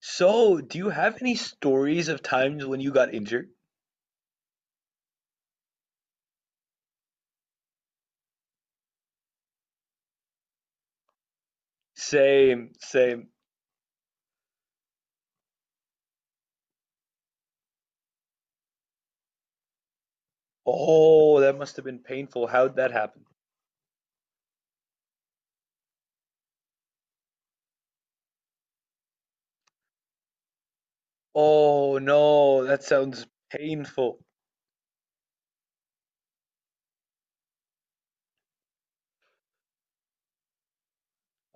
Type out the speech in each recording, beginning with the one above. So, do you have any stories of times when you got injured? Same, same. Oh, that must have been painful. How'd that happen? Oh no, that sounds painful.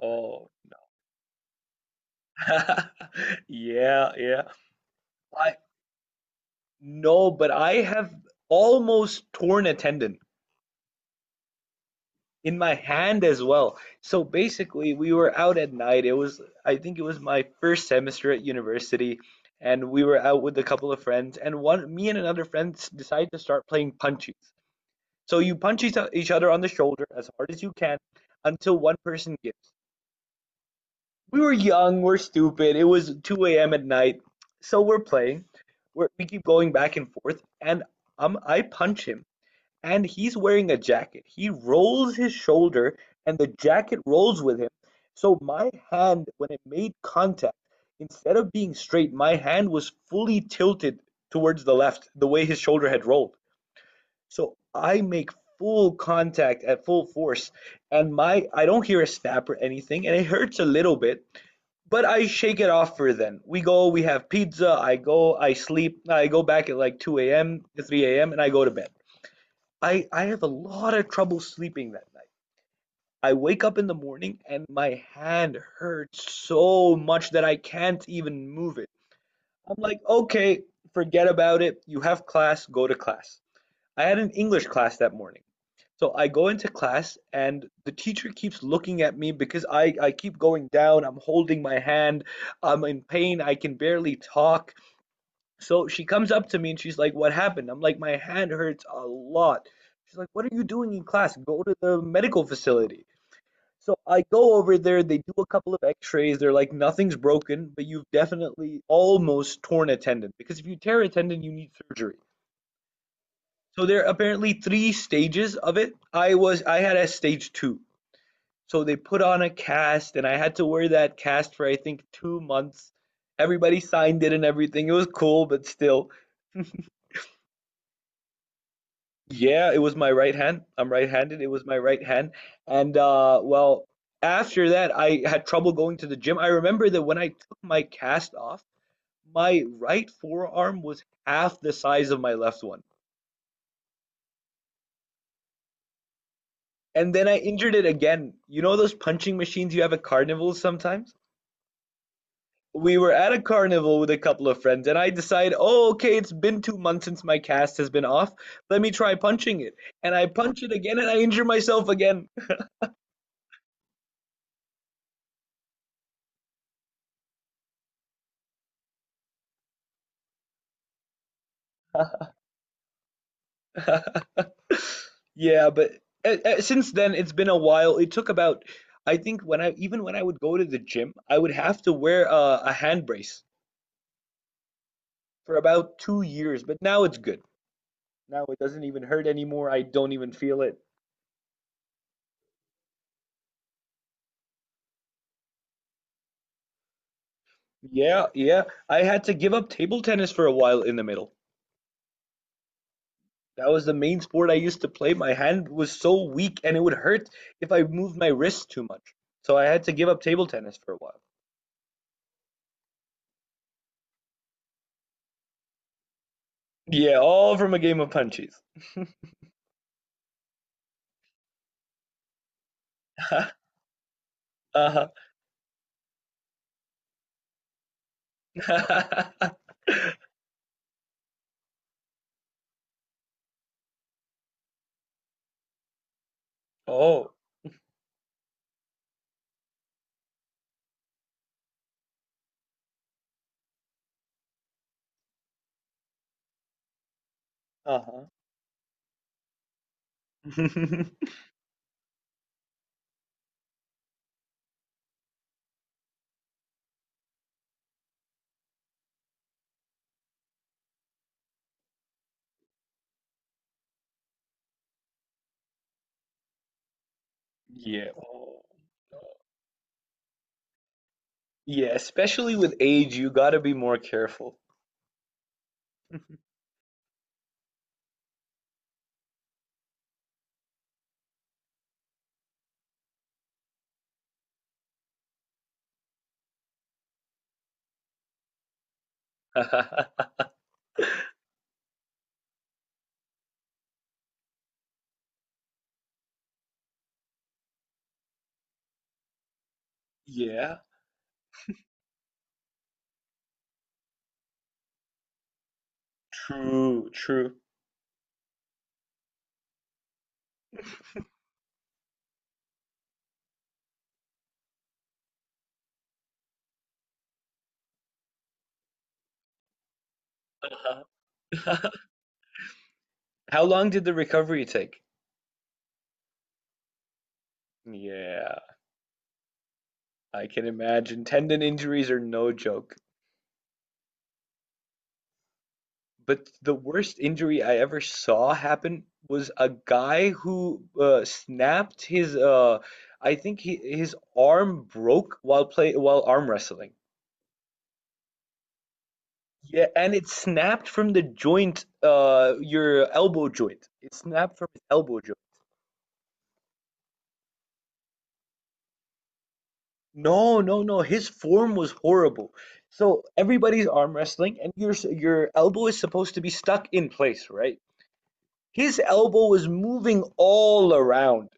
Oh no. Yeah, yeah. I No, but I have almost torn a tendon in my hand as well. So basically, we were out at night. It was, I think it was my first semester at university, and we were out with a couple of friends, and me and another friend decided to start playing punchies. So you punch each other on the shoulder as hard as you can until one person gives. We were young, we're stupid. It was 2 a.m. at night, so we're playing. We keep going back and forth, and I punch him. And he's wearing a jacket. He rolls his shoulder and the jacket rolls with him. So my hand, when it made contact, instead of being straight, my hand was fully tilted towards the left, the way his shoulder had rolled. So I make full contact at full force, and my I don't hear a snap or anything, and it hurts a little bit, but I shake it off for then. We go, we have pizza, I go, I sleep, I go back at like 2 a.m. to 3 a.m., and I go to bed. I have a lot of trouble sleeping that night. I wake up in the morning and my hand hurts so much that I can't even move it. I'm like, okay, forget about it. You have class, go to class. I had an English class that morning. So I go into class and the teacher keeps looking at me because I keep going down. I'm holding my hand. I'm in pain. I can barely talk. So she comes up to me and she's like, "What happened?" I'm like, "My hand hurts a lot." She's like, "What are you doing in class? Go to the medical facility." So I go over there, they do a couple of x-rays. They're like, "Nothing's broken, but you've definitely almost torn a tendon because if you tear a tendon, you need surgery." So there are apparently three stages of it. I had a stage 2. So they put on a cast and I had to wear that cast for I think 2 months. Everybody signed it and everything. It was cool, but still. Yeah, it was my right hand. I'm right-handed. It was my right hand. And well, after that I had trouble going to the gym. I remember that when I took my cast off, my right forearm was half the size of my left one. And then I injured it again. You know those punching machines you have at carnivals sometimes? We were at a carnival with a couple of friends, and I decide, oh, okay, it's been 2 months since my cast has been off. Let me try punching it. And I punch it again, and I injure myself again. Yeah, but since then it's been a while. It took about, I think when I even when I would go to the gym, I would have to wear a hand brace for about 2 years. But now it's good. Now it doesn't even hurt anymore. I don't even feel it. Yeah, yeah. I had to give up table tennis for a while in the middle. That was the main sport I used to play. My hand was so weak and it would hurt if I moved my wrist too much. So I had to give up table tennis for a while. Yeah, all from a game of punches. Uh-huh. Oh, uh-huh. Yeah. Oh, no. Yeah, especially with age, you gotta be more careful. Yeah. True, true. Uh-huh. How long did the recovery take? Yeah, I can imagine. Tendon injuries are no joke. But the worst injury I ever saw happen was a guy who snapped his I think his arm broke while arm wrestling. Yeah, and it snapped from the joint, your elbow joint. It snapped from his elbow joint. No, no, no. His form was horrible. So everybody's arm wrestling and your elbow is supposed to be stuck in place, right? His elbow was moving all around.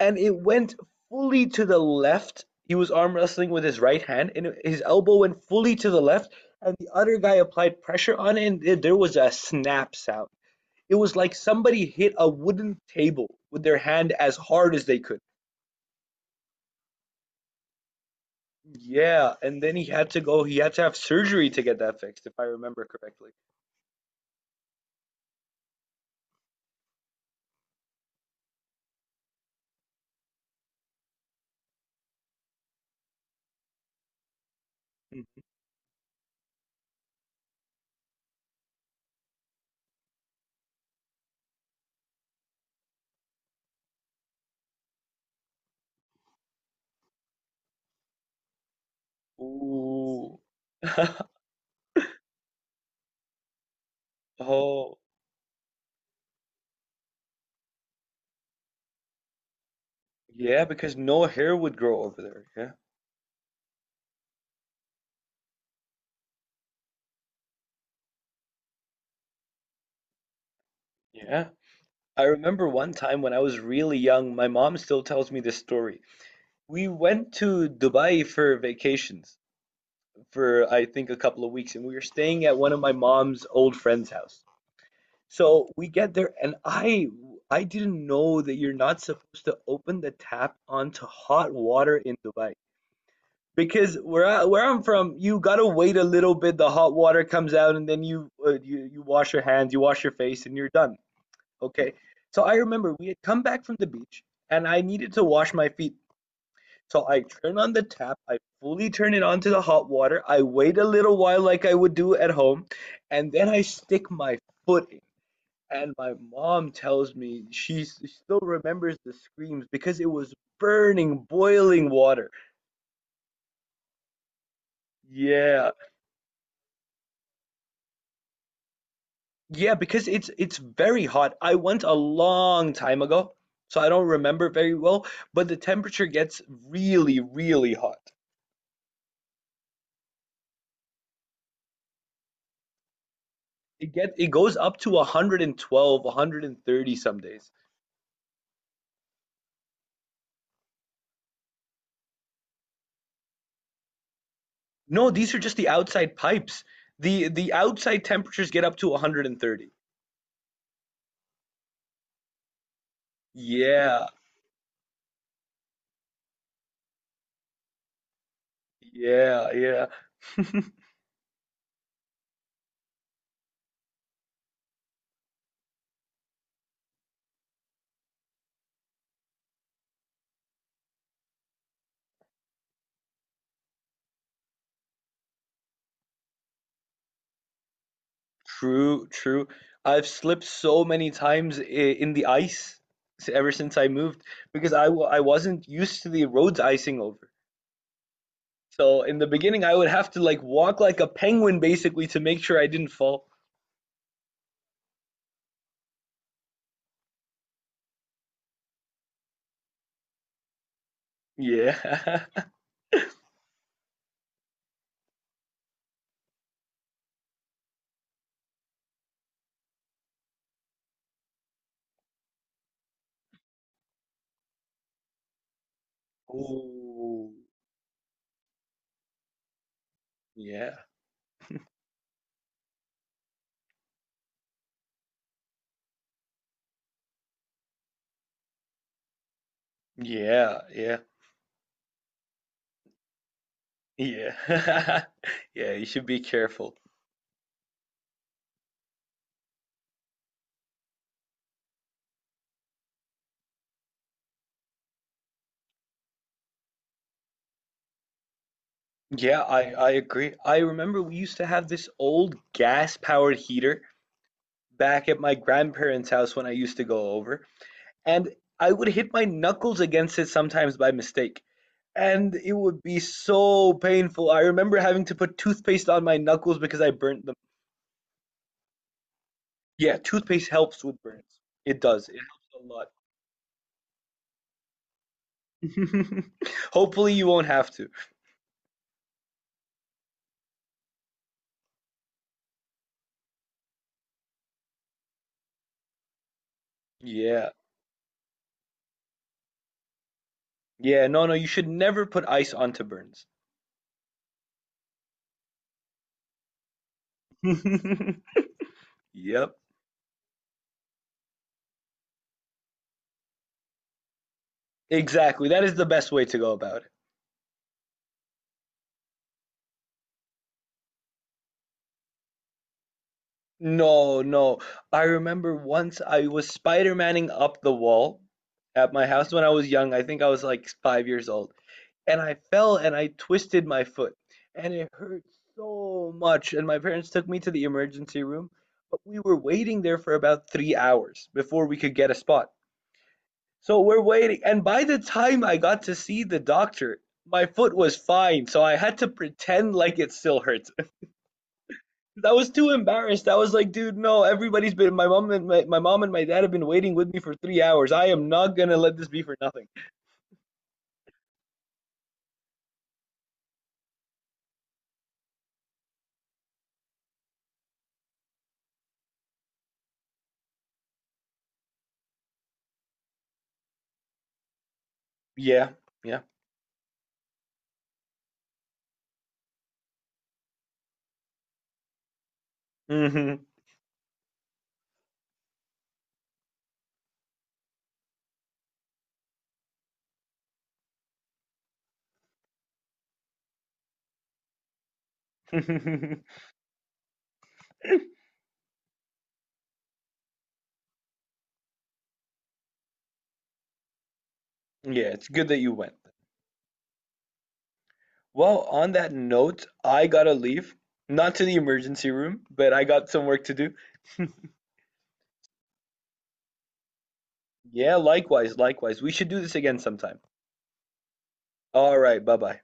And it went fully to the left. He was arm wrestling with his right hand, and his elbow went fully to the left. And the other guy applied pressure on it, and there was a snap sound. It was like somebody hit a wooden table with their hand as hard as they could. Yeah, and then he had to have surgery to get that fixed, if I remember correctly. Ooh. Oh, yeah, because no hair would grow over there. Yeah. Yeah. I remember one time when I was really young, my mom still tells me this story. We went to Dubai for vacations for I think a couple of weeks, and we were staying at one of my mom's old friend's house. So we get there, and I didn't know that you're not supposed to open the tap onto hot water in Dubai. Because where I'm from, you gotta wait a little bit. The hot water comes out, and then you wash your hands, you wash your face, and you're done. Okay. So I remember we had come back from the beach and I needed to wash my feet. So I turn on the tap, I fully turn it onto the hot water. I wait a little while like I would do at home, and then I stick my foot in. And my mom tells me she still remembers the screams because it was burning, boiling water. Yeah. Yeah, because it's very hot. I went a long time ago, so I don't remember very well, but the temperature gets really, really hot. It goes up to 112, 130 some days. No, these are just the outside pipes. The outside temperatures get up to 130. Yeah. Yeah, yeah. True, true. I've slipped so many times in the ice ever since I moved because I wasn't used to the roads icing over. So in the beginning, I would have to like walk like a penguin basically to make sure I didn't fall. Yeah. Ooh, yeah. Yeah, yeah, yeah. Yeah, you should be careful. Yeah, I agree. I remember we used to have this old gas-powered heater back at my grandparents' house when I used to go over, and I would hit my knuckles against it sometimes by mistake, and it would be so painful. I remember having to put toothpaste on my knuckles because I burnt them. Yeah, toothpaste helps with burns. It does. It helps a lot. Hopefully you won't have to. Yeah. Yeah, no, no, you should never put ice onto burns. Yep. Exactly. That is the best way to go about it. No, no. I remember once I was Spider-Manning up the wall at my house when I was young. I think I was like 5 years old. And I fell and I twisted my foot. And it hurt so much. And my parents took me to the emergency room. But we were waiting there for about 3 hours before we could get a spot. So we're waiting. And by the time I got to see the doctor, my foot was fine. So I had to pretend like it still hurts. I was too embarrassed. I was like, dude, no, everybody's been my mom and my mom and my dad have been waiting with me for 3 hours. I am not gonna let this be for nothing. Yeah, yeah. Hmm. Yeah, it's good that you went. Well, on that note, I gotta leave. Not to the emergency room, but I got some work to do. Yeah, likewise, likewise. We should do this again sometime. All right, bye bye.